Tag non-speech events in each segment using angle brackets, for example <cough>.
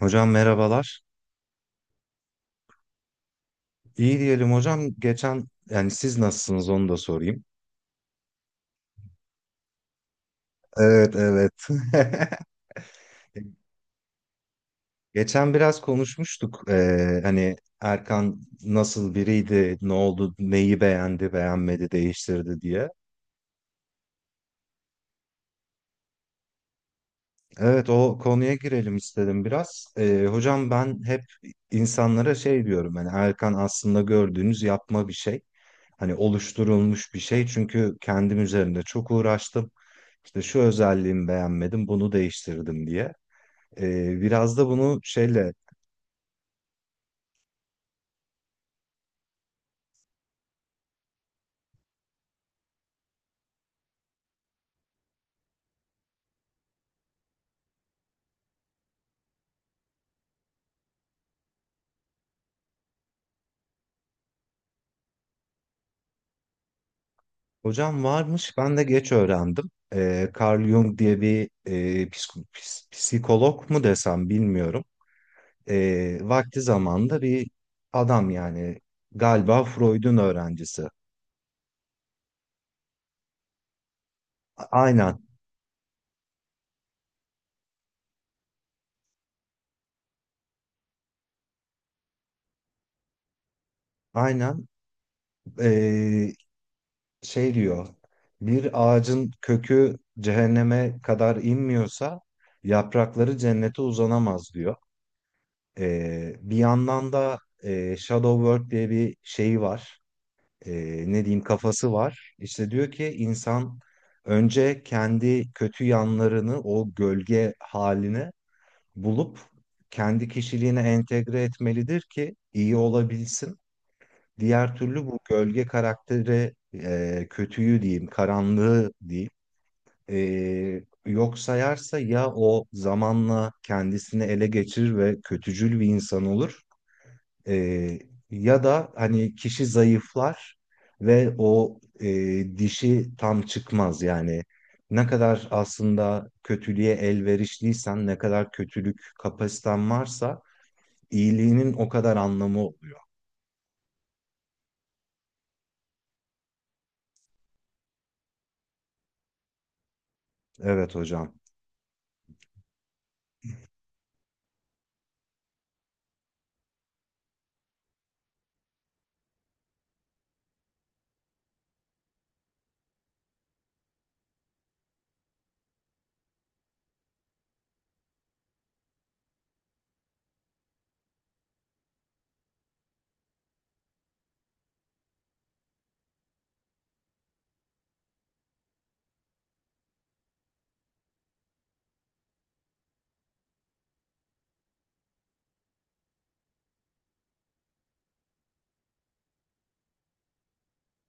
Hocam merhabalar. İyi diyelim hocam. Geçen yani siz nasılsınız onu da sorayım. Evet, evet. <laughs> Geçen biraz konuşmuştuk. Hani Erkan nasıl biriydi, ne oldu, neyi beğendi, beğenmedi, değiştirdi diye. Evet, o konuya girelim istedim biraz. Hocam ben hep insanlara şey diyorum, hani Erkan aslında gördüğünüz yapma bir şey. Hani oluşturulmuş bir şey, çünkü kendim üzerinde çok uğraştım. İşte şu özelliğimi beğenmedim bunu değiştirdim diye. Biraz da bunu şeyle hocam varmış, ben de geç öğrendim. Carl Jung diye bir psikolog mu desem bilmiyorum. Vakti zamanda bir adam yani, galiba Freud'un öğrencisi. Aynen, aynen. E, Şey diyor, bir ağacın kökü cehenneme kadar inmiyorsa yaprakları cennete uzanamaz diyor. Bir yandan da Shadow Work diye bir şeyi var. E, Ne diyeyim, kafası var. İşte diyor ki, insan önce kendi kötü yanlarını, o gölge halini bulup kendi kişiliğine entegre etmelidir ki iyi olabilsin. Diğer türlü bu gölge karakteri, kötüyü diyeyim, karanlığı diyeyim, yok sayarsa ya, o zamanla kendisini ele geçirir ve kötücül bir insan olur. E, Ya da hani kişi zayıflar ve o dişi tam çıkmaz yani. Ne kadar aslında kötülüğe elverişliysen, ne kadar kötülük kapasiten varsa İyiliğinin o kadar anlamı oluyor. Evet hocam.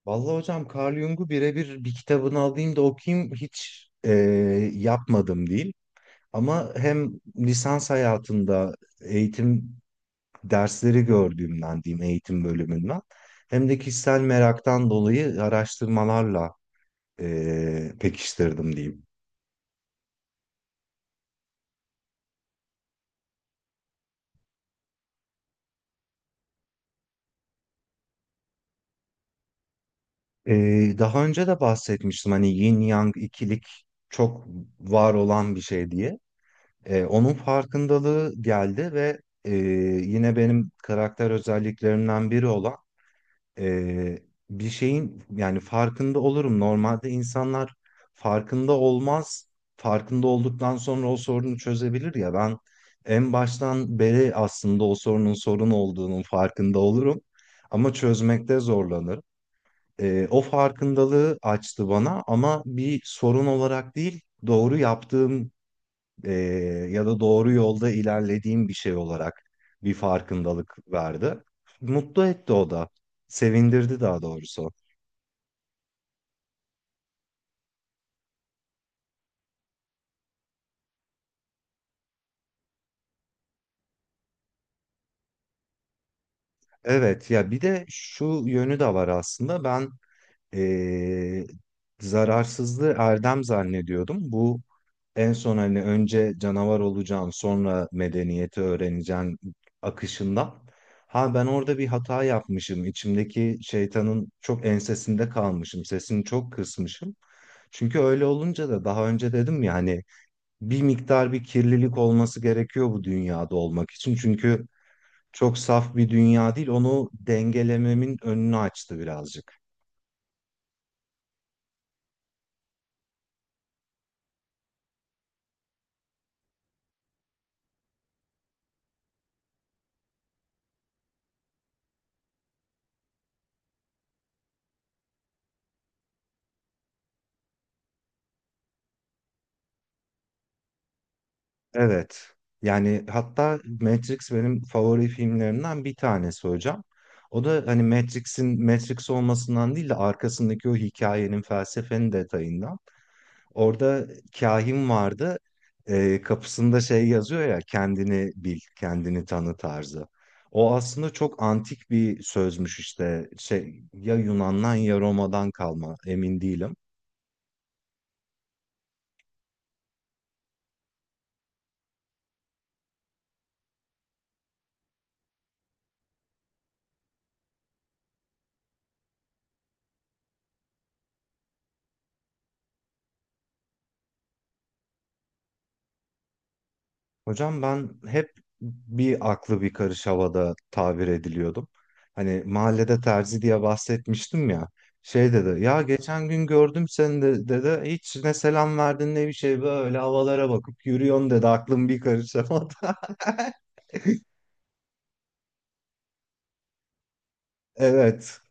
Vallahi hocam, Carl Jung'u birebir bir kitabını alayım da okuyayım hiç yapmadım değil. Ama hem lisans hayatında eğitim dersleri gördüğümden diyeyim, eğitim bölümünden, hem de kişisel meraktan dolayı araştırmalarla pekiştirdim diyeyim. E, Daha önce de bahsetmiştim hani yin yang ikilik çok var olan bir şey diye. Onun farkındalığı geldi ve e, yine benim karakter özelliklerimden biri olan, e, bir şeyin yani farkında olurum. Normalde insanlar farkında olmaz. Farkında olduktan sonra o sorunu çözebilir, ya ben en baştan beri aslında o sorunun sorun olduğunun farkında olurum. Ama çözmekte zorlanırım. O farkındalığı açtı bana, ama bir sorun olarak değil, doğru yaptığım e, ya da doğru yolda ilerlediğim bir şey olarak bir farkındalık verdi. Mutlu etti o da. Sevindirdi daha doğrusu. Evet, ya bir de şu yönü de var aslında. Ben e, zararsızlığı erdem zannediyordum. Bu en son hani önce canavar olacaksın sonra medeniyeti öğreneceksin akışında. Ha, ben orada bir hata yapmışım. İçimdeki şeytanın çok ensesinde kalmışım. Sesini çok kısmışım. Çünkü öyle olunca da, daha önce dedim ya hani, bir miktar bir kirlilik olması gerekiyor bu dünyada olmak için. Çünkü çok saf bir dünya değil. Onu dengelememin önünü açtı birazcık. Evet. Yani hatta Matrix benim favori filmlerimden bir tanesi hocam. O da hani Matrix'in Matrix olmasından değil de arkasındaki o hikayenin, felsefenin detayından. Orada kahin vardı. Kapısında şey yazıyor ya, kendini bil, kendini tanı tarzı. O aslında çok antik bir sözmüş işte. Şey, ya Yunan'dan ya Roma'dan kalma, emin değilim. Hocam ben hep bir aklı bir karış havada tabir ediliyordum. Hani mahallede terzi diye bahsetmiştim ya. Şey dedi ya, geçen gün gördüm seni de, dedi, hiç ne selam verdin ne bir şey, böyle havalara bakıp yürüyorsun dedi, aklım bir karış havada. <laughs> Evet,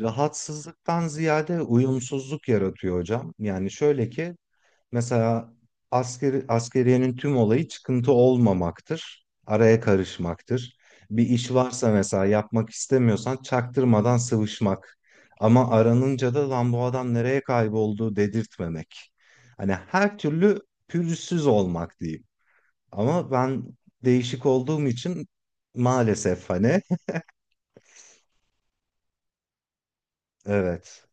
rahatsızlıktan ziyade uyumsuzluk yaratıyor hocam. Yani şöyle ki, mesela askeriyenin tüm olayı çıkıntı olmamaktır. Araya karışmaktır. Bir iş varsa mesela yapmak istemiyorsan çaktırmadan sıvışmak. Ama aranınca da lan bu adam nereye kayboldu dedirtmemek. Hani her türlü pürüzsüz olmak diyeyim. Ama ben değişik olduğum için maalesef hani <laughs> evet.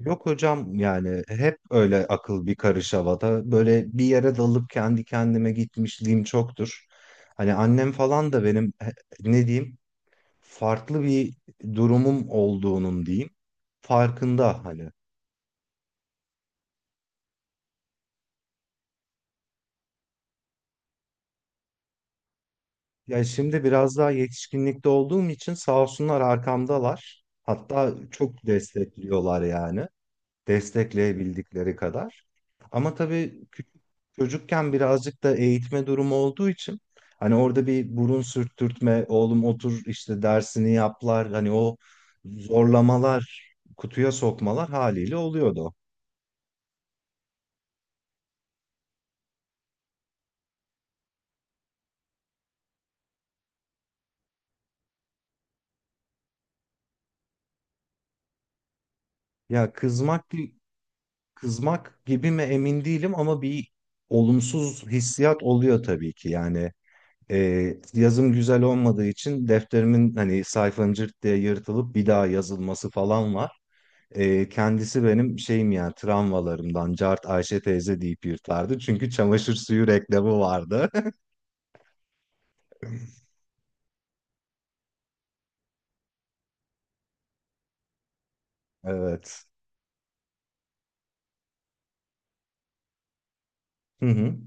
Yok hocam, yani hep öyle akıl bir karış havada. Böyle bir yere dalıp kendi kendime gitmişliğim çoktur. Hani annem falan da benim ne diyeyim, farklı bir durumum olduğunun diyeyim, farkında hani. Ya şimdi biraz daha yetişkinlikte olduğum için sağ olsunlar arkamdalar. Hatta çok destekliyorlar yani. Destekleyebildikleri kadar. Ama tabii küçük çocukken birazcık da eğitme durumu olduğu için, hani orada bir burun sürttürtme, oğlum otur işte dersini yaplar, hani o zorlamalar, kutuya sokmalar haliyle oluyordu. Ya kızmak gibi mi emin değilim, ama bir olumsuz hissiyat oluyor tabii ki. Yani yazım güzel olmadığı için defterimin, hani sayfanın, cırt diye yırtılıp bir daha yazılması falan var. Kendisi benim şeyim yani, travmalarımdan Cart Ayşe teyze deyip yırtardı. Çünkü çamaşır suyu reklamı vardı. <laughs> Evet. Hı hı.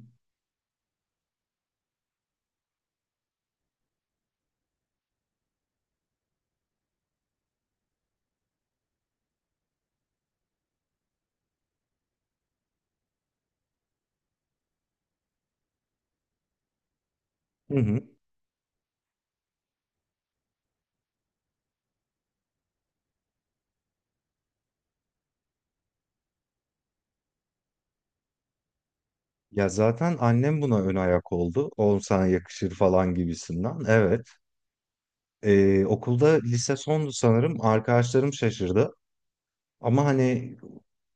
Hı hı. Ya zaten annem buna ön ayak oldu. Oğlum sana yakışır falan gibisinden. Evet. Okulda lise sondu sanırım. Arkadaşlarım şaşırdı. Ama hani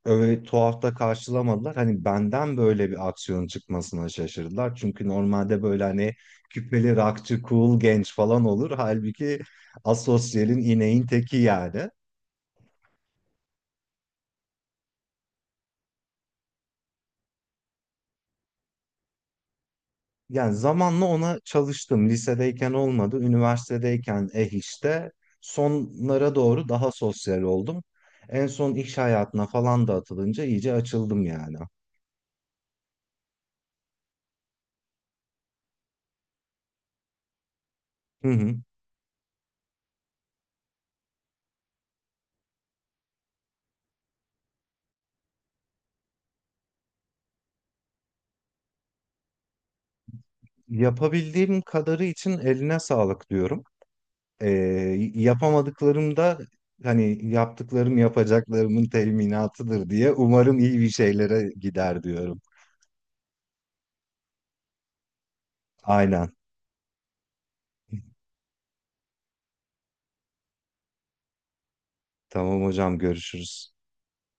öyle tuhaf da karşılamadılar. Hani benden böyle bir aksiyon çıkmasına şaşırdılar. Çünkü normalde böyle hani küpeli rockçı, cool genç falan olur. Halbuki asosyalin ineğin teki yani. Yani zamanla ona çalıştım. Lisedeyken olmadı. Üniversitedeyken eh işte. Sonlara doğru daha sosyal oldum. En son iş hayatına falan da atılınca iyice açıldım yani. Hı hı. Yapabildiğim kadarı için eline sağlık diyorum. Ee, Yapamadıklarımda hani yaptıklarım yapacaklarımın teminatıdır diye umarım iyi bir şeylere gider diyorum. Aynen. Tamam hocam, görüşürüz.